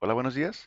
Hola, buenos días.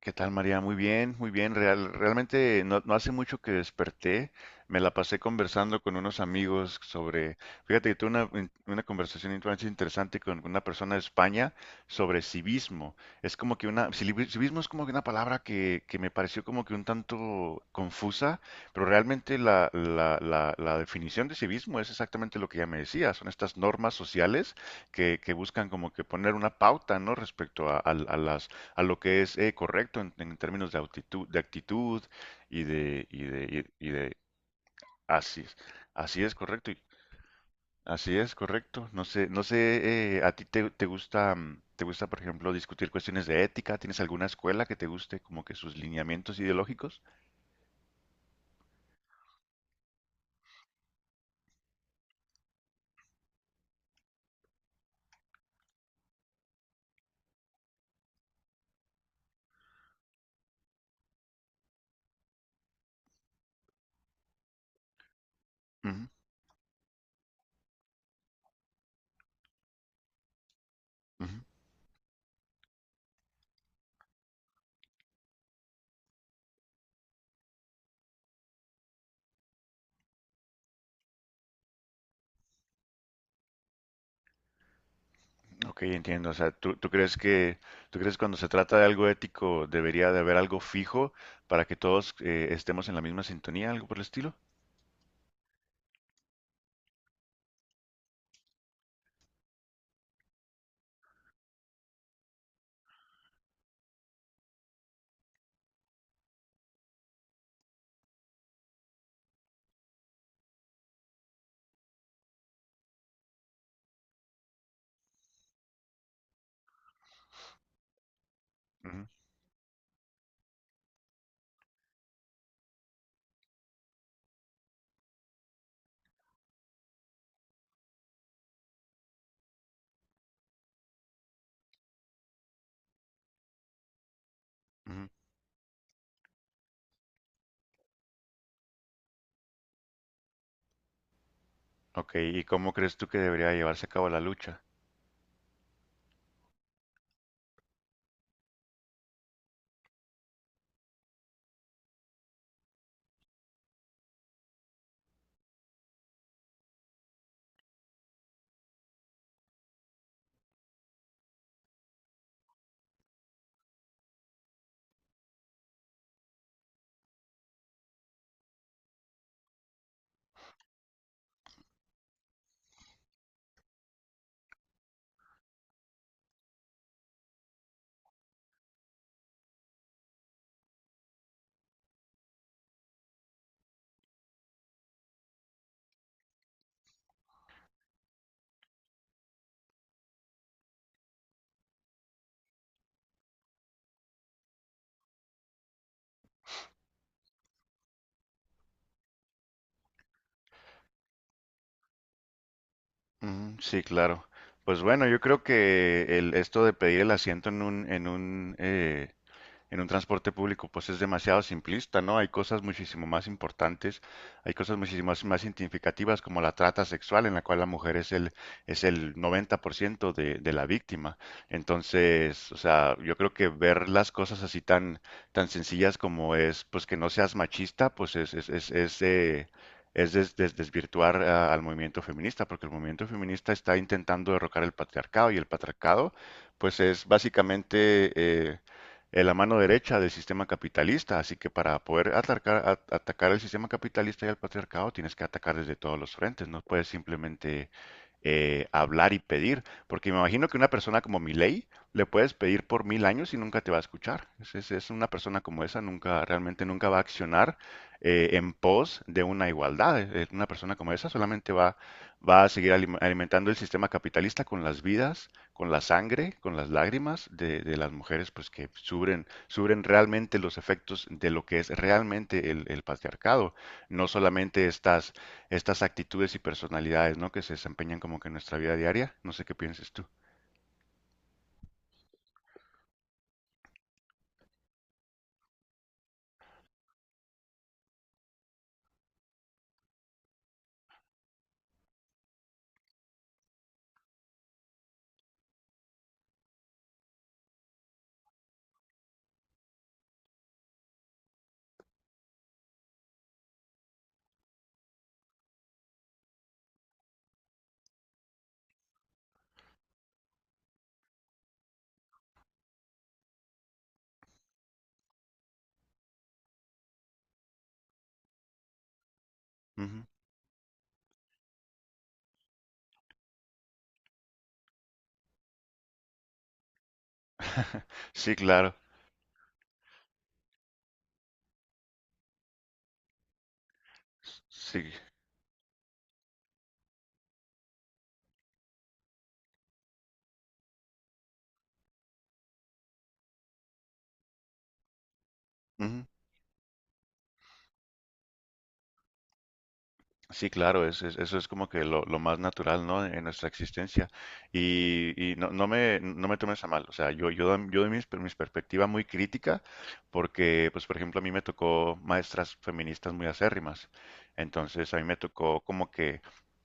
¿Qué tal, María? Muy bien, muy bien. Realmente no hace mucho que desperté. Me la pasé conversando con unos amigos sobre, fíjate que tuve una conversación bastante interesante con una persona de España sobre civismo. Es como que civismo es como que una palabra que me pareció como que un tanto confusa, pero realmente la definición de civismo es exactamente lo que ya me decía. Son estas normas sociales que buscan como que poner una pauta, ¿no? Respecto a las a lo que es correcto en términos de actitud y de así es, así es correcto, y- así es correcto. No sé, a ti te, te gusta, te gusta, por ejemplo, discutir cuestiones de ética. ¿Tienes alguna escuela que te guste como que sus lineamientos ideológicos? Ujú, ujú. Ok, entiendo. O sea, ¿tú crees que, tú crees que cuando se trata de algo ético debería de haber algo fijo para que todos estemos en la misma sintonía, algo por el estilo? Ujú, ujú. Ok, ¿y cómo crees tú que debería llevarse a cabo la lucha? Ujú, sí, claro. Pues bueno, yo creo que el, esto de pedir el asiento en un, en un, en un transporte público, pues es demasiado simplista, ¿no? Hay cosas muchísimo más importantes, hay cosas muchísimo más, más significativas como la trata sexual, en la cual la mujer es el 90% de la víctima. Entonces, o sea, yo creo que ver las cosas así tan, tan sencillas como es, pues que no seas machista, pues es desvirtuar ah, al movimiento feminista, porque el movimiento feminista está intentando derrocar el patriarcado y el patriarcado, pues es básicamente en la mano derecha del sistema capitalista. Así que para poder atacar el sistema capitalista y el patriarcado tienes que atacar desde todos los frentes. No puedes simplemente hablar y pedir, porque me imagino que una persona como Milei le puedes pedir por 1000 años y nunca te va a escuchar. Es una persona como esa, nunca, realmente nunca va a accionar en pos de una igualdad. Una persona como esa solamente va, va a seguir alimentando el sistema capitalista con las vidas con la sangre, con las lágrimas de las mujeres, pues que sufren, sufren realmente los efectos de lo que es realmente el patriarcado, no solamente estas, estas actitudes y personalidades, ¿no? Que se desempeñan como que en nuestra vida diaria. No sé qué pienses tú. Ujú. Sí, claro. Sí. Sí, claro, eso es como que lo más natural, ¿no? En nuestra existencia. Y no, no me tomes a mal, o sea, yo, yo doy mis perspectiva muy crítica porque, pues, por ejemplo, a mí me tocó maestras feministas muy acérrimas. Entonces, a mí me tocó como que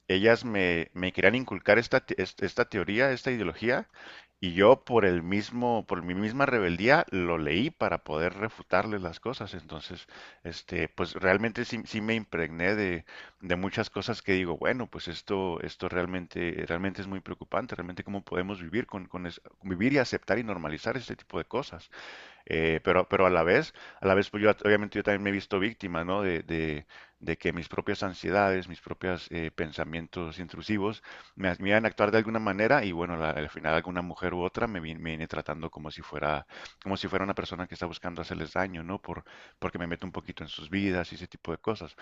ellas me querían inculcar esta teoría, esta ideología, y yo por el mismo, por mi misma rebeldía lo leí para poder refutarles las cosas. Entonces, este, pues realmente sí, sí me impregné de muchas cosas que digo, bueno, pues esto realmente, realmente es muy preocupante, realmente cómo podemos vivir con vivir y aceptar y normalizar este tipo de cosas. Pero a la vez, pues yo obviamente yo también me he visto víctima, ¿no? De que mis propias ansiedades, mis propios pensamientos intrusivos me hacían actuar de alguna manera y bueno, al final alguna mujer u otra me viene tratando como si fuera una persona que está buscando hacerles daño, ¿no? Por, porque me meto un poquito en sus vidas y ese tipo de cosas.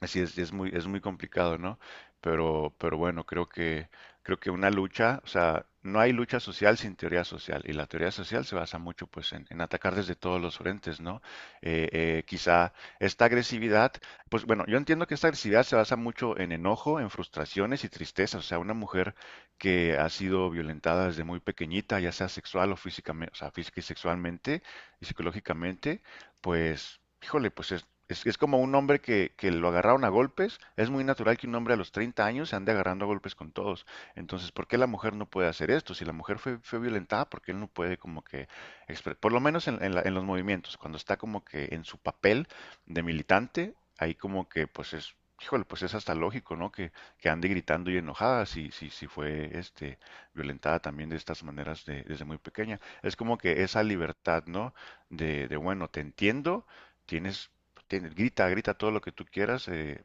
Así es muy complicado, ¿no? Pero bueno, creo que una lucha, o sea, no hay lucha social sin teoría social, y la teoría social se basa mucho, pues, en atacar desde todos los frentes, ¿no? Quizá esta agresividad, pues, bueno, yo entiendo que esta agresividad se basa mucho en enojo, en frustraciones y tristezas, o sea, una mujer que ha sido violentada desde muy pequeñita, ya sea sexual o físicamente, o sea, física y sexualmente y psicológicamente, pues, híjole, pues es como un hombre que lo agarraron a golpes. Es muy natural que un hombre a los 30 años se ande agarrando a golpes con todos. Entonces, ¿por qué la mujer no puede hacer esto? Si la mujer fue, fue violentada, ¿por qué él no puede como que, por lo menos en los movimientos, cuando está como que en su papel de militante, ahí como que pues es, híjole, pues es hasta lógico, ¿no? Que ande gritando y enojada si fue este, violentada también de estas maneras desde muy pequeña. Es como que esa libertad, ¿no? De bueno, te entiendo tienes grita, grita todo lo que tú quieras.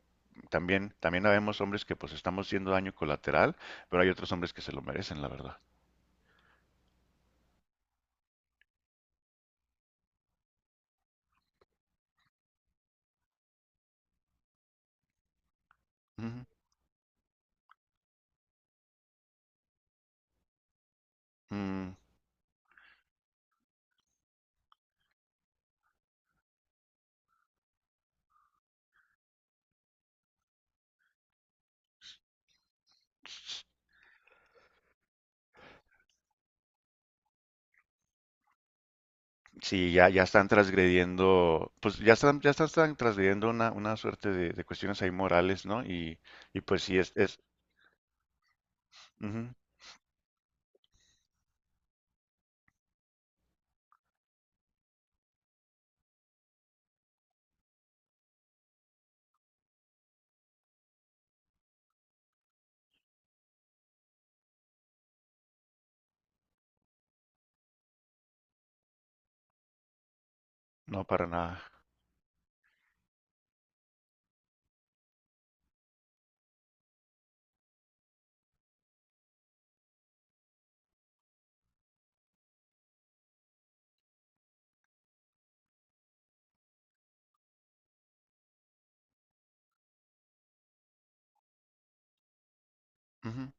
También, también habemos hombres que pues estamos siendo daño colateral, pero hay otros hombres que se lo merecen, la verdad. Ujú. Mm, sí, ya, ya están transgrediendo, pues ya están, están transgrediendo una suerte de cuestiones ahí morales, ¿no? Y pues sí, es, ujú, no para nada. Ujú,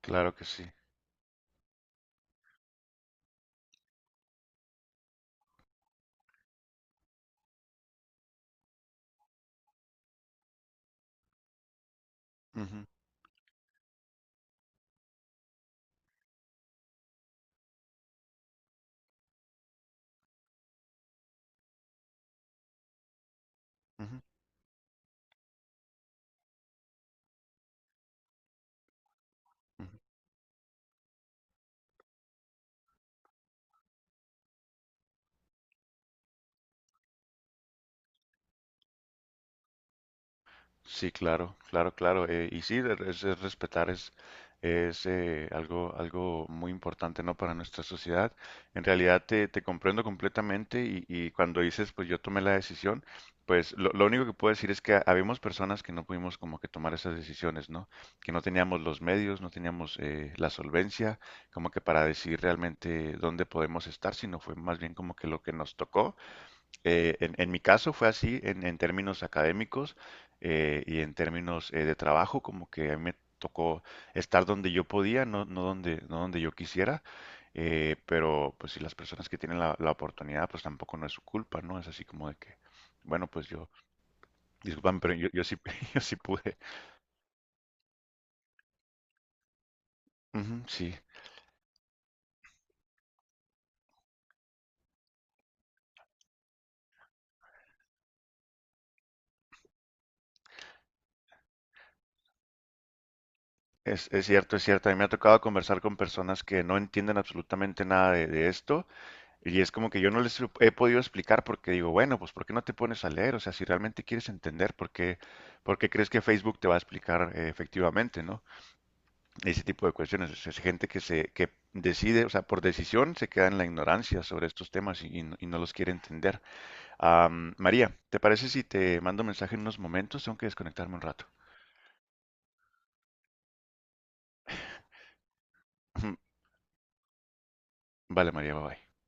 claro que sí. Ujú, ujú, ujú. Sí, claro, claro, claro. Y sí, es respetar es algo, algo muy importante, ¿no? Para nuestra sociedad. En realidad te, te comprendo completamente y cuando dices, pues yo tomé la decisión, pues lo único que puedo decir es que habíamos personas que no pudimos como que tomar esas decisiones, ¿no? Que no teníamos los medios, no teníamos la solvencia como que para decir realmente dónde podemos estar, sino fue más bien como que lo que nos tocó en mi caso fue así en términos académicos y en términos de trabajo, como que a mí me tocó estar donde yo podía, no, no donde, no donde yo quisiera, pero pues si las personas que tienen la, la oportunidad, pues tampoco no es su culpa, ¿no? Es así como de que, bueno, pues yo, discúlpame, pero yo sí, yo sí pude. Ujú, sí, es cierto, es cierto. A mí me ha tocado conversar con personas que no entienden absolutamente nada de, de esto. Y es como que yo no les lo he podido explicar porque digo, bueno, pues ¿por qué no te pones a leer? O sea, si realmente quieres entender, por qué crees que Facebook te va a explicar efectivamente, ¿no? Ese tipo de cuestiones. O sea, es gente que se, que decide, o sea, por decisión se queda en la ignorancia sobre estos temas y no los quiere entender. María, ¿te parece si te mando mensaje en unos momentos? Tengo que desconectarme un rato. Vale, María, bye bye.